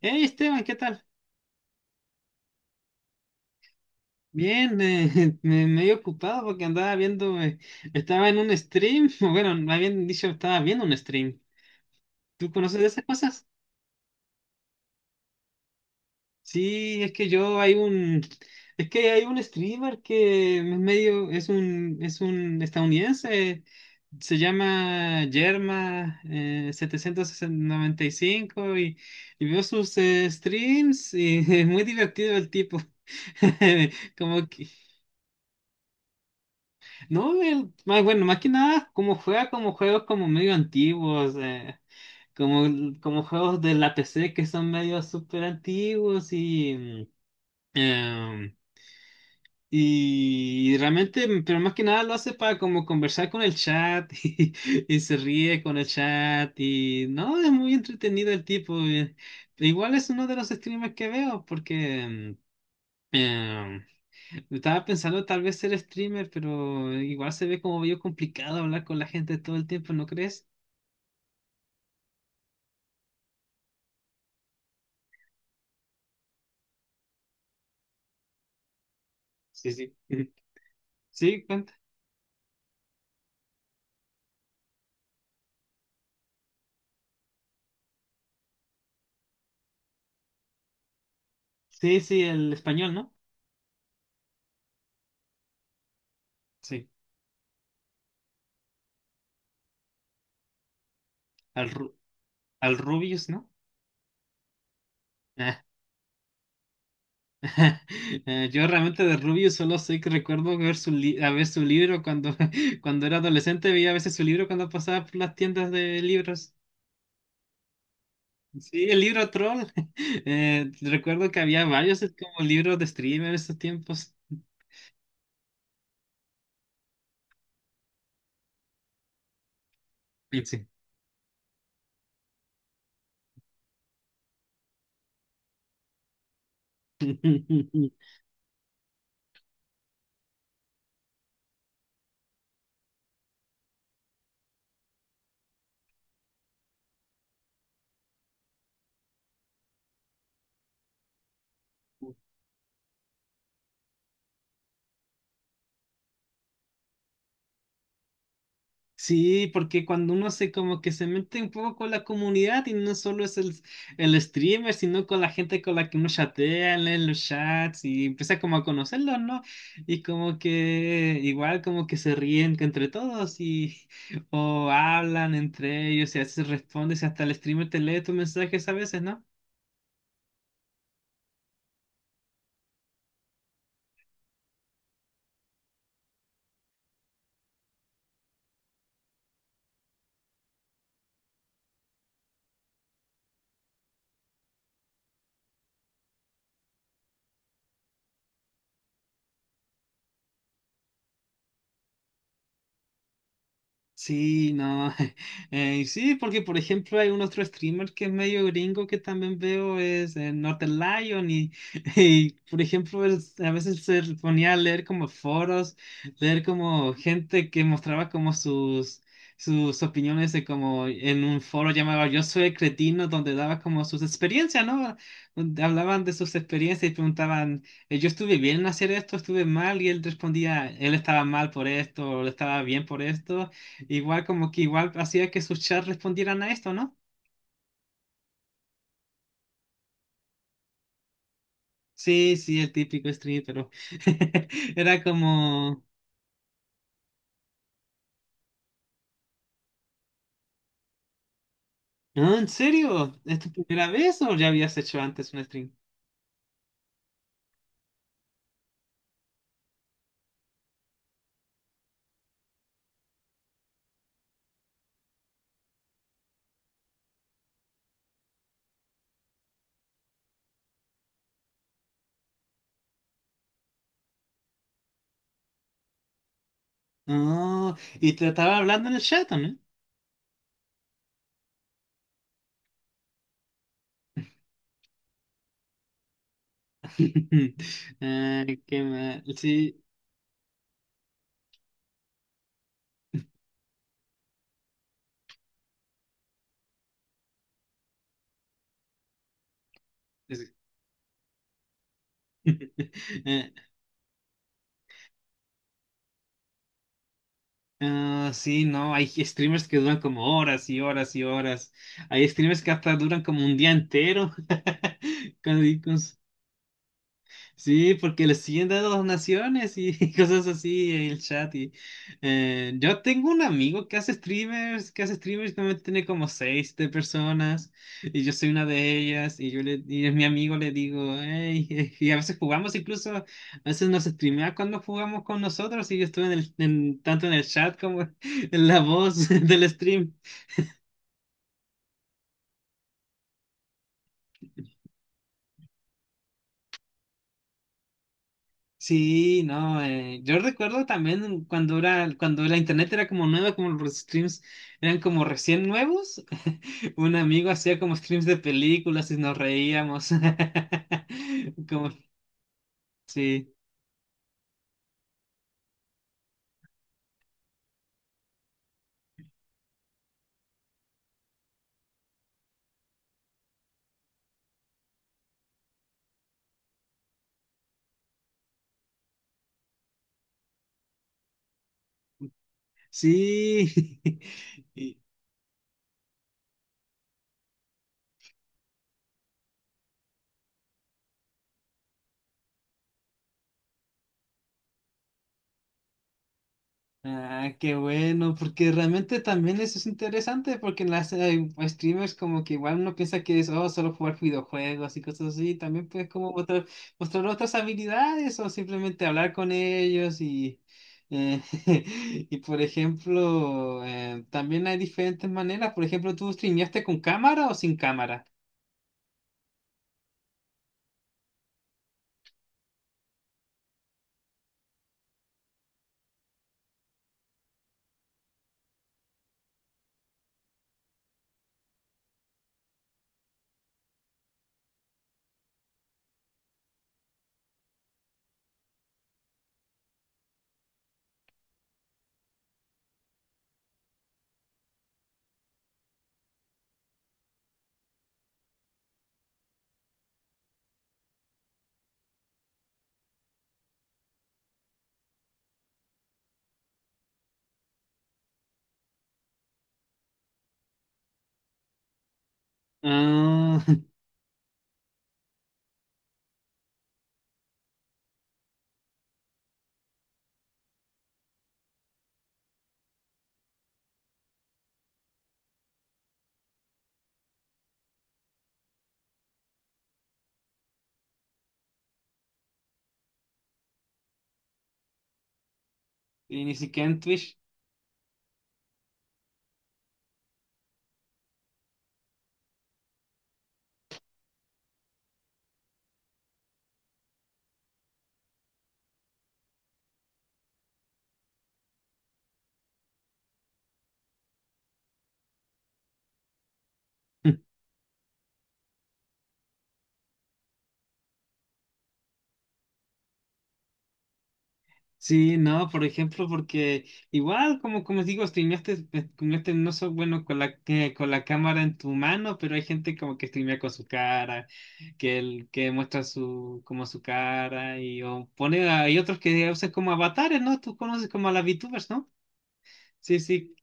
Hey Esteban, ¿qué tal? Bien, medio ocupado porque andaba viendo, estaba en un stream, o bueno, más bien dicho, estaba viendo un stream. ¿Tú conoces de esas cosas? Sí, es que hay un streamer que es medio, es un estadounidense, se llama Yerma 795 y, cinco y veo sus streams y es muy divertido el tipo. Como que no, más, bueno, más que nada, como juega como juegos como medio antiguos, como, como juegos de la PC que son medio súper antiguos eh, y realmente, pero más que nada lo hace para como conversar con el chat y se ríe con el chat y no, es muy entretenido el tipo. Igual es uno de los streamers que veo porque... eh, estaba pensando tal vez ser streamer, pero igual se ve como medio complicado hablar con la gente todo el tiempo, ¿no crees? Sí, sí. Sí, cuenta. Sí, sí, el español, ¿no? Sí. Al, al Rubius, ¿no? Ah, yo realmente de Rubius solo sé que recuerdo ver su, a ver su libro cuando, cuando era adolescente, veía a veces su libro cuando pasaba por las tiendas de libros. Sí, el libro troll. Recuerdo que había varios como libros de streamer en esos tiempos. Sí. Sí, porque cuando uno se como que se mete un poco con la comunidad y no solo es el streamer, sino con la gente con la que uno chatea, lee los chats y empieza como a conocerlos, ¿no? Y como que igual como que se ríen que entre todos y o hablan entre ellos y a veces respondes y hasta el streamer te lee tus mensajes a veces, ¿no? Sí, no. Sí, porque por ejemplo hay un otro streamer que es medio gringo que también veo, es Northern Lion y, y, por ejemplo él a veces se ponía a leer como foros, leer como gente que mostraba como sus, sus opiniones de como en un foro llamado Yo soy el cretino donde daba como sus experiencias, ¿no? Donde hablaban de sus experiencias y preguntaban, yo estuve bien en hacer esto, estuve mal y él respondía, él estaba mal por esto, o él estaba bien por esto. Igual como que igual hacía que sus chats respondieran a esto, ¿no? Sí, sí, el típico stream, pero era como, "Ah, ¿en serio? ¿Es tu primera vez o ya habías hecho antes un stream? Oh, y te estaba hablando en el chat, ¿no? Ay, qué mal. Sí. es- eh, ah, sí, no, hay streamers que duran como horas y horas y horas. Hay streamers que hasta duran como un día entero con sí, porque le siguen dando donaciones y cosas así en el chat. Y, yo tengo un amigo que hace streamers, que hace streamers que tiene como seis de personas y yo soy una de ellas y yo le, y es mi amigo, le digo, "Ey", y a veces jugamos incluso, a veces nos streamea cuando jugamos con nosotros y yo estuve en el, tanto en el chat como en la voz del stream. Sí, no, yo recuerdo también cuando era, cuando la internet era como nueva, como los streams eran como recién nuevos, un amigo hacía como streams de películas y nos reíamos. Como, sí, sí. Y, ah, qué bueno, porque realmente también eso es interesante, porque en las streamers como que igual uno piensa que es oh, solo jugar videojuegos y cosas así, también puedes como mostrar, mostrar otras habilidades o simplemente hablar con ellos y, eh, y por ejemplo, también hay diferentes maneras, por ejemplo, ¿tú streameaste con cámara o sin cámara? Ah, y ni siquiera en Twitch. Sí, no, por ejemplo, porque igual, como, como digo, streameaste no so bueno con la, con la cámara en tu mano, pero hay gente como que streamea con su cara, que, que muestra su, como su cara, y o pone, hay otros que usan como avatares, ¿no? Tú conoces como a las VTubers, ¿no? Sí, sí,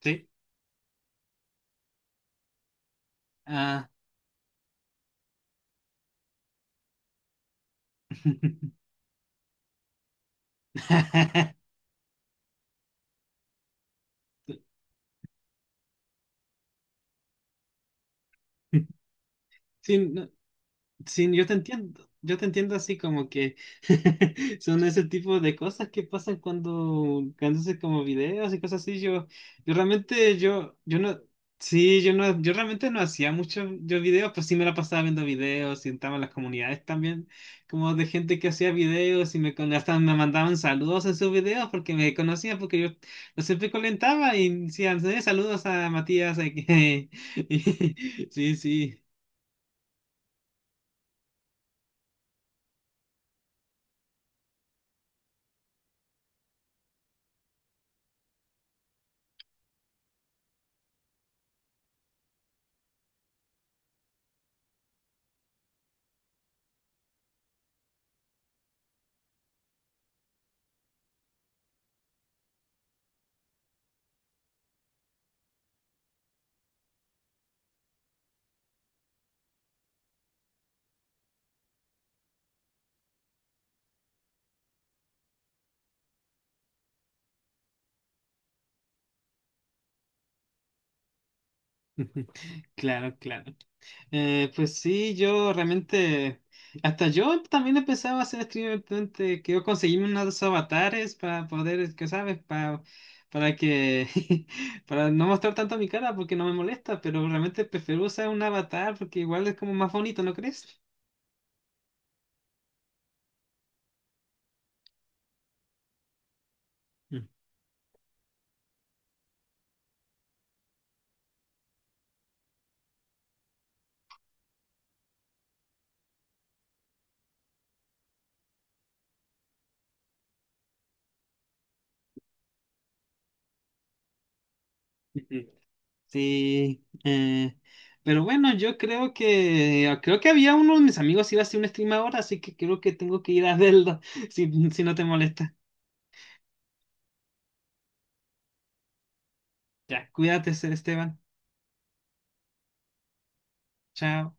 sí. Ah. Sí, no, sí, yo te entiendo así como que son ese tipo de cosas que pasan cuando, cuando haces como videos y cosas así. Yo realmente, yo no, sí, yo no, yo realmente no hacía muchos yo videos, pues sí me la pasaba viendo videos y entraba en las comunidades también, como de gente que hacía videos y me, hasta me mandaban saludos en sus videos porque me conocían, porque yo los siempre comentaba y decían, saludos a Matías. a sí, sí. Claro, claro. Pues sí, yo realmente, hasta yo también empezaba a hacer streamer, realmente, que yo conseguí unos avatares para poder, que sabes, para que, para no mostrar tanto mi cara porque no me molesta, pero realmente prefiero usar un avatar porque igual es como más bonito, ¿no crees? Mm. Ujú. Sí, pero bueno, yo creo que, ah, creo que había uno de mis amigos iba a hacer un stream ahora, así que creo que tengo que ir a verlo, si no te molesta. Ya, cuídate, Esteban. Chao.